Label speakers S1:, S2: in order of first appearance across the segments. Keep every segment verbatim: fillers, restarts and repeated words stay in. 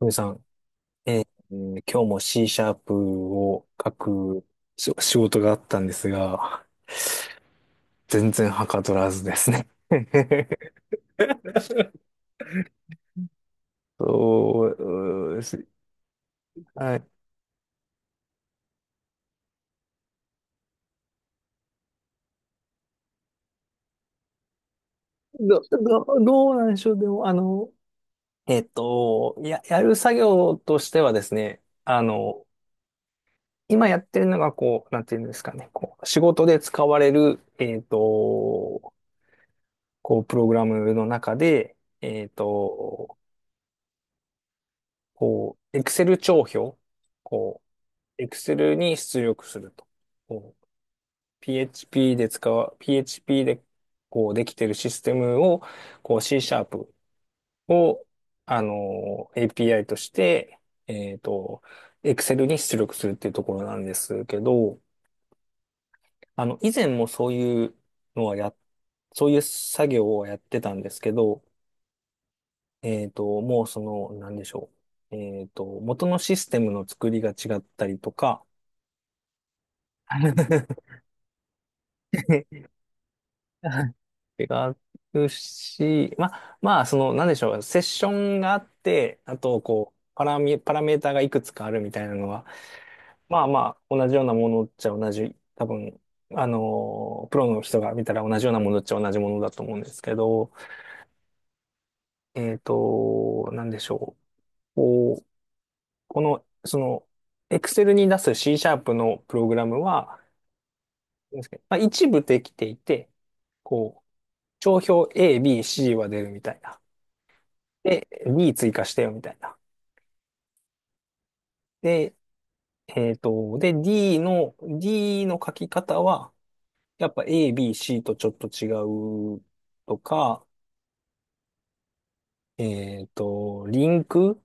S1: トミさん、えー今日も C シャープを書くし仕事があったんですが、全然はかどらずですね。そうです、はい。ど、ど、どうなんでしょう。でも、あの、えっと、や、やる作業としてはですね、あの、今やってるのが、こう、なんていうんですかね、こう、仕事で使われる、えっと、こう、プログラムの中で、えっと、こう、Excel 帳票、こう、Excel に出力すると。こう、ピーエイチピー で使う、ピーエイチピー で、こう、できてるシステムを、こう、C シャープを、あの、エーピーアイ として、えっと、Excel に出力するっていうところなんですけど、あの、以前もそういうのはや、そういう作業をやってたんですけど、えっと、もうその、なんでしょう。えっと、元のシステムの作りが違ったりとか、違うし、まあ、まあ、その、なんでしょう、セッションがあって、あと、こう、パラミ、パラメーターがいくつかあるみたいなのは、まあまあ、同じようなものっちゃ同じ、多分、あのー、プロの人が見たら同じようなものっちゃ同じものだと思うんですけど、えっと、なんでしょう、こう、この、その、Excel に出す C シャープのプログラムは、なんですけど、まあ、一部できていて、こう、帳票 A、B、C は出るみたいな。で、D 追加してよみたいな。で、えっと、で、D の、D の書き方は、やっぱ A、B、C とちょっと違うとか、えっと、リンク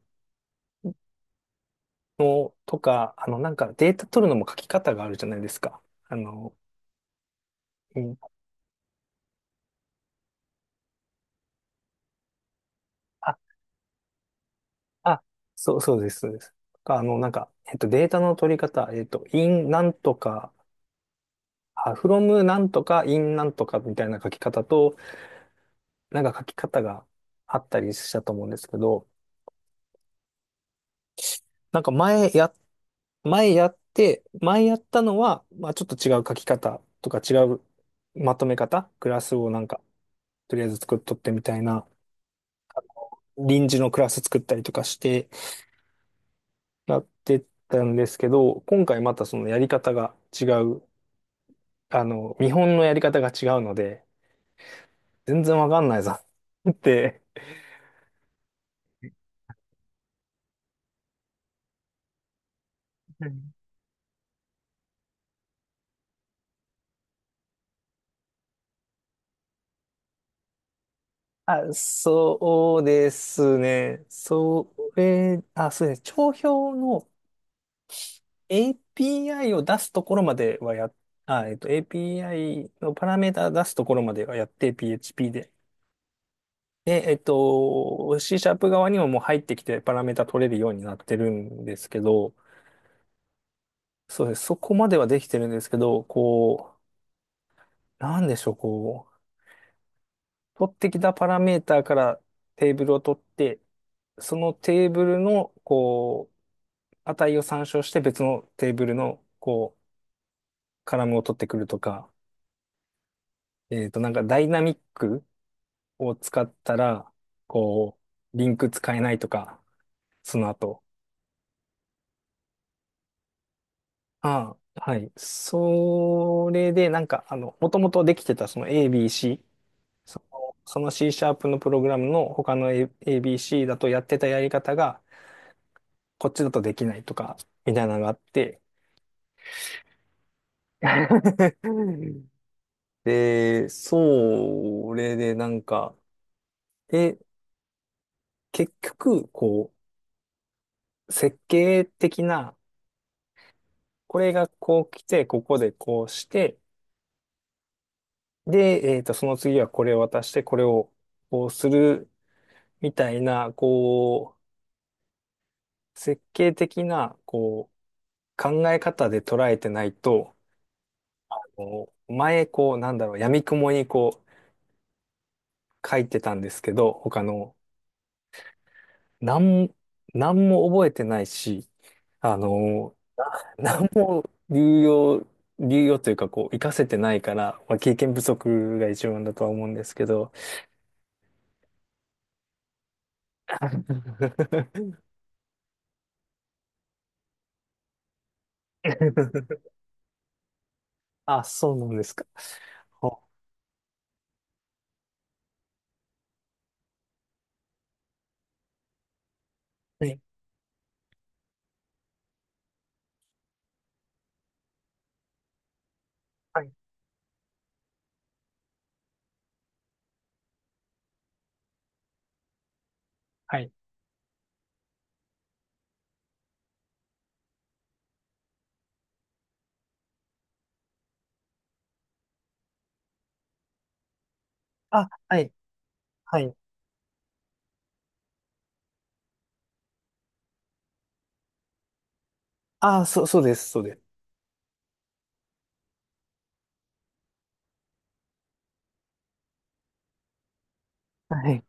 S1: のとか、あの、なんかデータ取るのも書き方があるじゃないですか。あの、うんあ、あ、そう、そうです、そうです。とか、あの、なんか、えっと、データの取り方、えっと、in なんとか、あ、from なんとか、in なんとかみたいな書き方と、なんか書き方があったりしたと思うんですけど、なんか前や、前やって、前やったのは、まあちょっと違う書き方とか違うまとめ方、クラスをなんか、とりあえず作っとってみたいな、臨時のクラス作ったりとかしてやってたんですけど、今回またそのやり方が違う、あの、見本のやり方が違うので、全然わかんないぞ って。あ、そうですね。それ、あ、そうですね。帳票の エーピーアイ を出すところまではや、あ、えっと、エーピーアイ のパラメータ出すところまではやって ピーエイチピー で。で、えっと、C シャープ側にももう入ってきてパラメータ取れるようになってるんですけど、そうです。そこまではできてるんですけど、こう、なんでしょう、こう、取ってきたパラメータからテーブルを取って、そのテーブルの、こう、値を参照して別のテーブルの、こう、カラムを取ってくるとか、えっと、なんかダイナミックを使ったら、こう、リンク使えないとか、その後。ああ、はい。それで、なんか、あの、もともとできてたその エービーシー、その、その C シャープのプログラムの他の A- エービーシー だとやってたやり方が、こっちだとできないとか、みたいなのがあって、で、それでなんか、え、結局、こう、設計的な、これがこう来て、ここでこうして、で、えっと、その次はこれを渡して、これをこうする、みたいな、こう、設計的な、こう、考え方で捉えてないと、こう前、こう、なんだろう、闇雲にこう、書いてたんですけど、他の、なん、なんも覚えてないし、あの、何も流用、流用というか、こう、活かせてないから、まあ、経験不足が一番だとは思うんですけど。あ、そうなんですか。ほ、はい。はい。はい。あ、はい。はい。あ、そう、そうです。そうです。はい。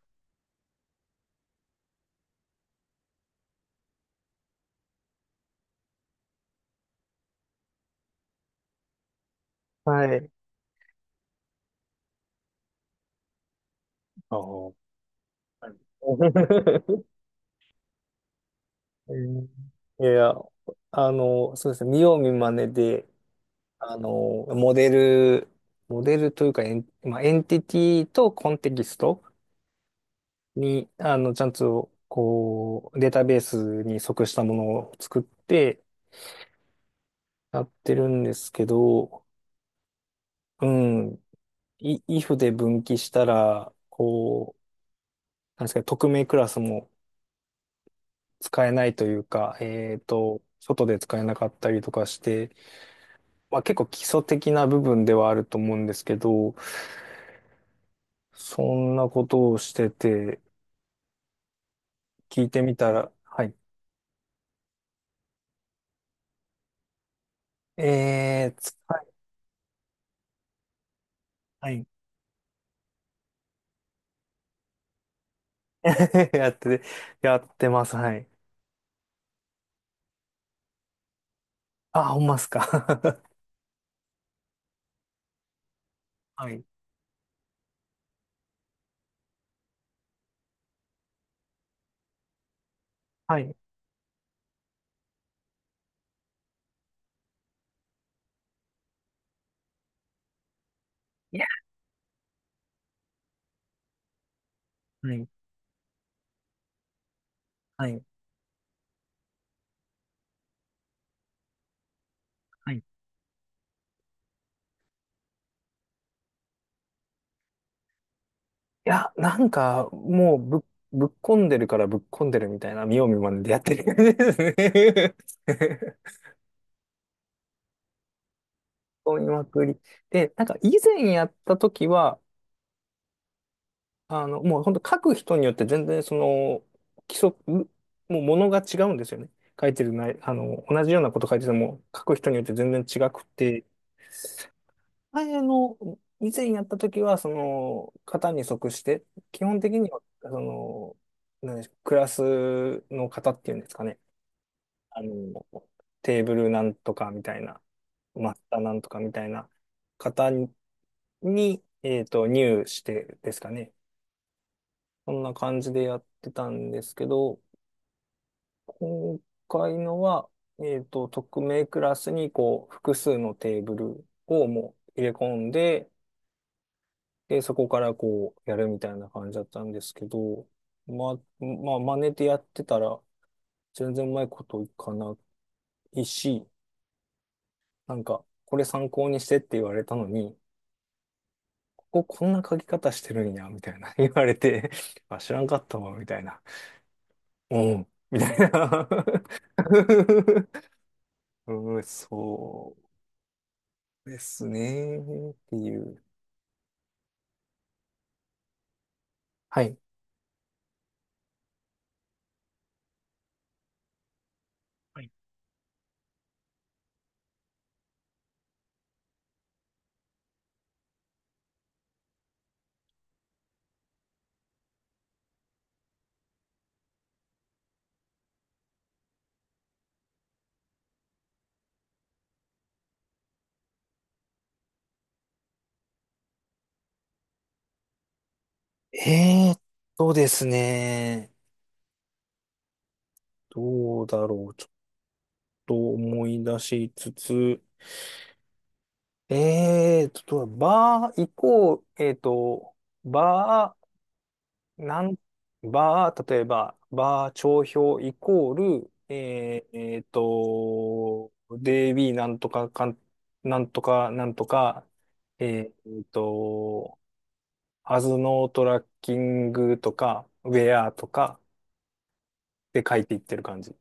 S1: はい。あー、はい。 えー、いや、あの、そうですね。見よう見まねで、あの、モデル、モデルというか、エン、まあ、エンティティとコンテキストに、あの、ちゃんと、こう、データベースに即したものを作ってやってるんですけど、うん、い if で分岐したら、こう、なんですか、匿名クラスも使えないというか、えっと、外で使えなかったりとかして、まあ結構基礎的な部分ではあると思うんですけど、そんなことをしてて、聞いてみたら、はい。えー、使え、はい。やって、やってます、はい。あ、ほんますか。はい。はい。いや、はい。はい。はい。いや、なんか、もうぶっ、ぶっこんでるからぶっこんでるみたいな、見よう見まねでやってる感じですね。こみまくり。で、なんか以前やった時は、あの、もう本当書く人によって全然その、規則、もうものが違うんですよね。書いてるない、あの、同じようなこと書いてても、書く人によって全然違くて、前の、以前やった時は、その、型に即して、基本的には、その、何でしょう、クラスの型っていうんですかね。あの、テーブルなんとかみたいな、マスターなんとかみたいな型に、に、えっと、入してですかね。そんな感じでやってたんですけど、今回のは、えっと、匿名クラスに、こう、複数のテーブルをもう入れ込んで、で、そこからこう、やるみたいな感じだったんですけど、まあ、まあ、真似てやってたら、全然うまいこといかないし、なんか、これ参考にしてって言われたのに、こここんな書き方してるんや、みたいな 言われて、あ、知らんかったわ、みたいな。うん、みたいな。 うん、そうですね、っていう。はい。はい。えーっとですね、どうだろう。ちと思い出しつつ、えーと、バー行こう、えーと、バー、なん、バー、例えば、バー帳票イコール、えー、えーと、デイビーなんとかかん、なんとか、なんとか、えーと、アズノートラッキングとか、ウェアとかで書いていってる感じ。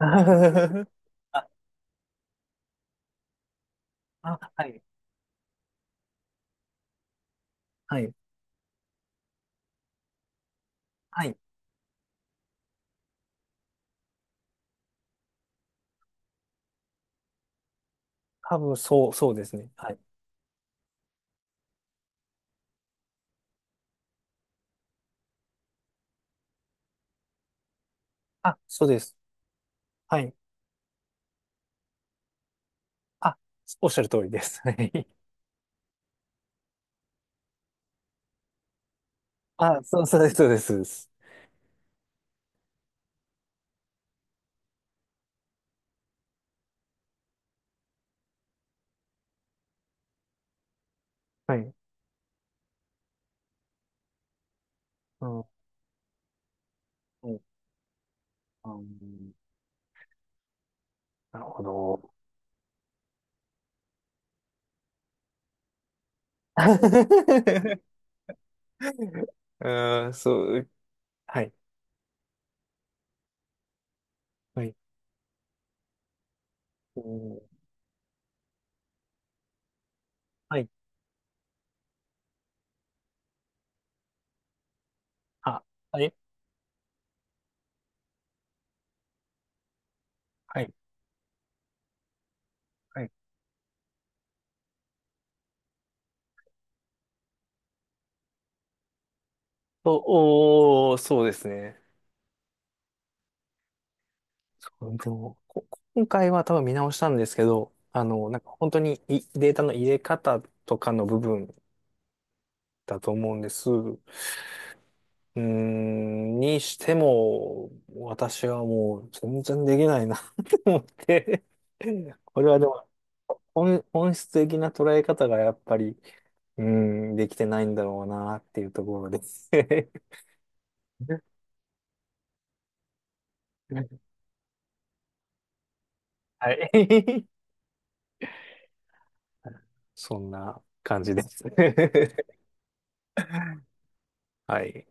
S1: あ、あ、はい、はい、はい。多分そう、そうですね。はい。あ、そうです。はい。あ、おっしゃる通りです。はい。あ、そう、そうです、そうです。そうです、はい。うん。うん、あのなるほど。うん、そう。はい。はい。うん、はい。あ、はい。はい。はい。お、おー、そうですね。そうでも、こ今回は多分見直したんですけど、あの、なんか本当に、いデータの入れ方とかの部分だと思うんです。うーん、にしても、私はもう全然できないな って思って。これはでも本、本質的な捉え方がやっぱり、うーん、できてないんだろうなっていうところです。はい。そんな感じです。はい。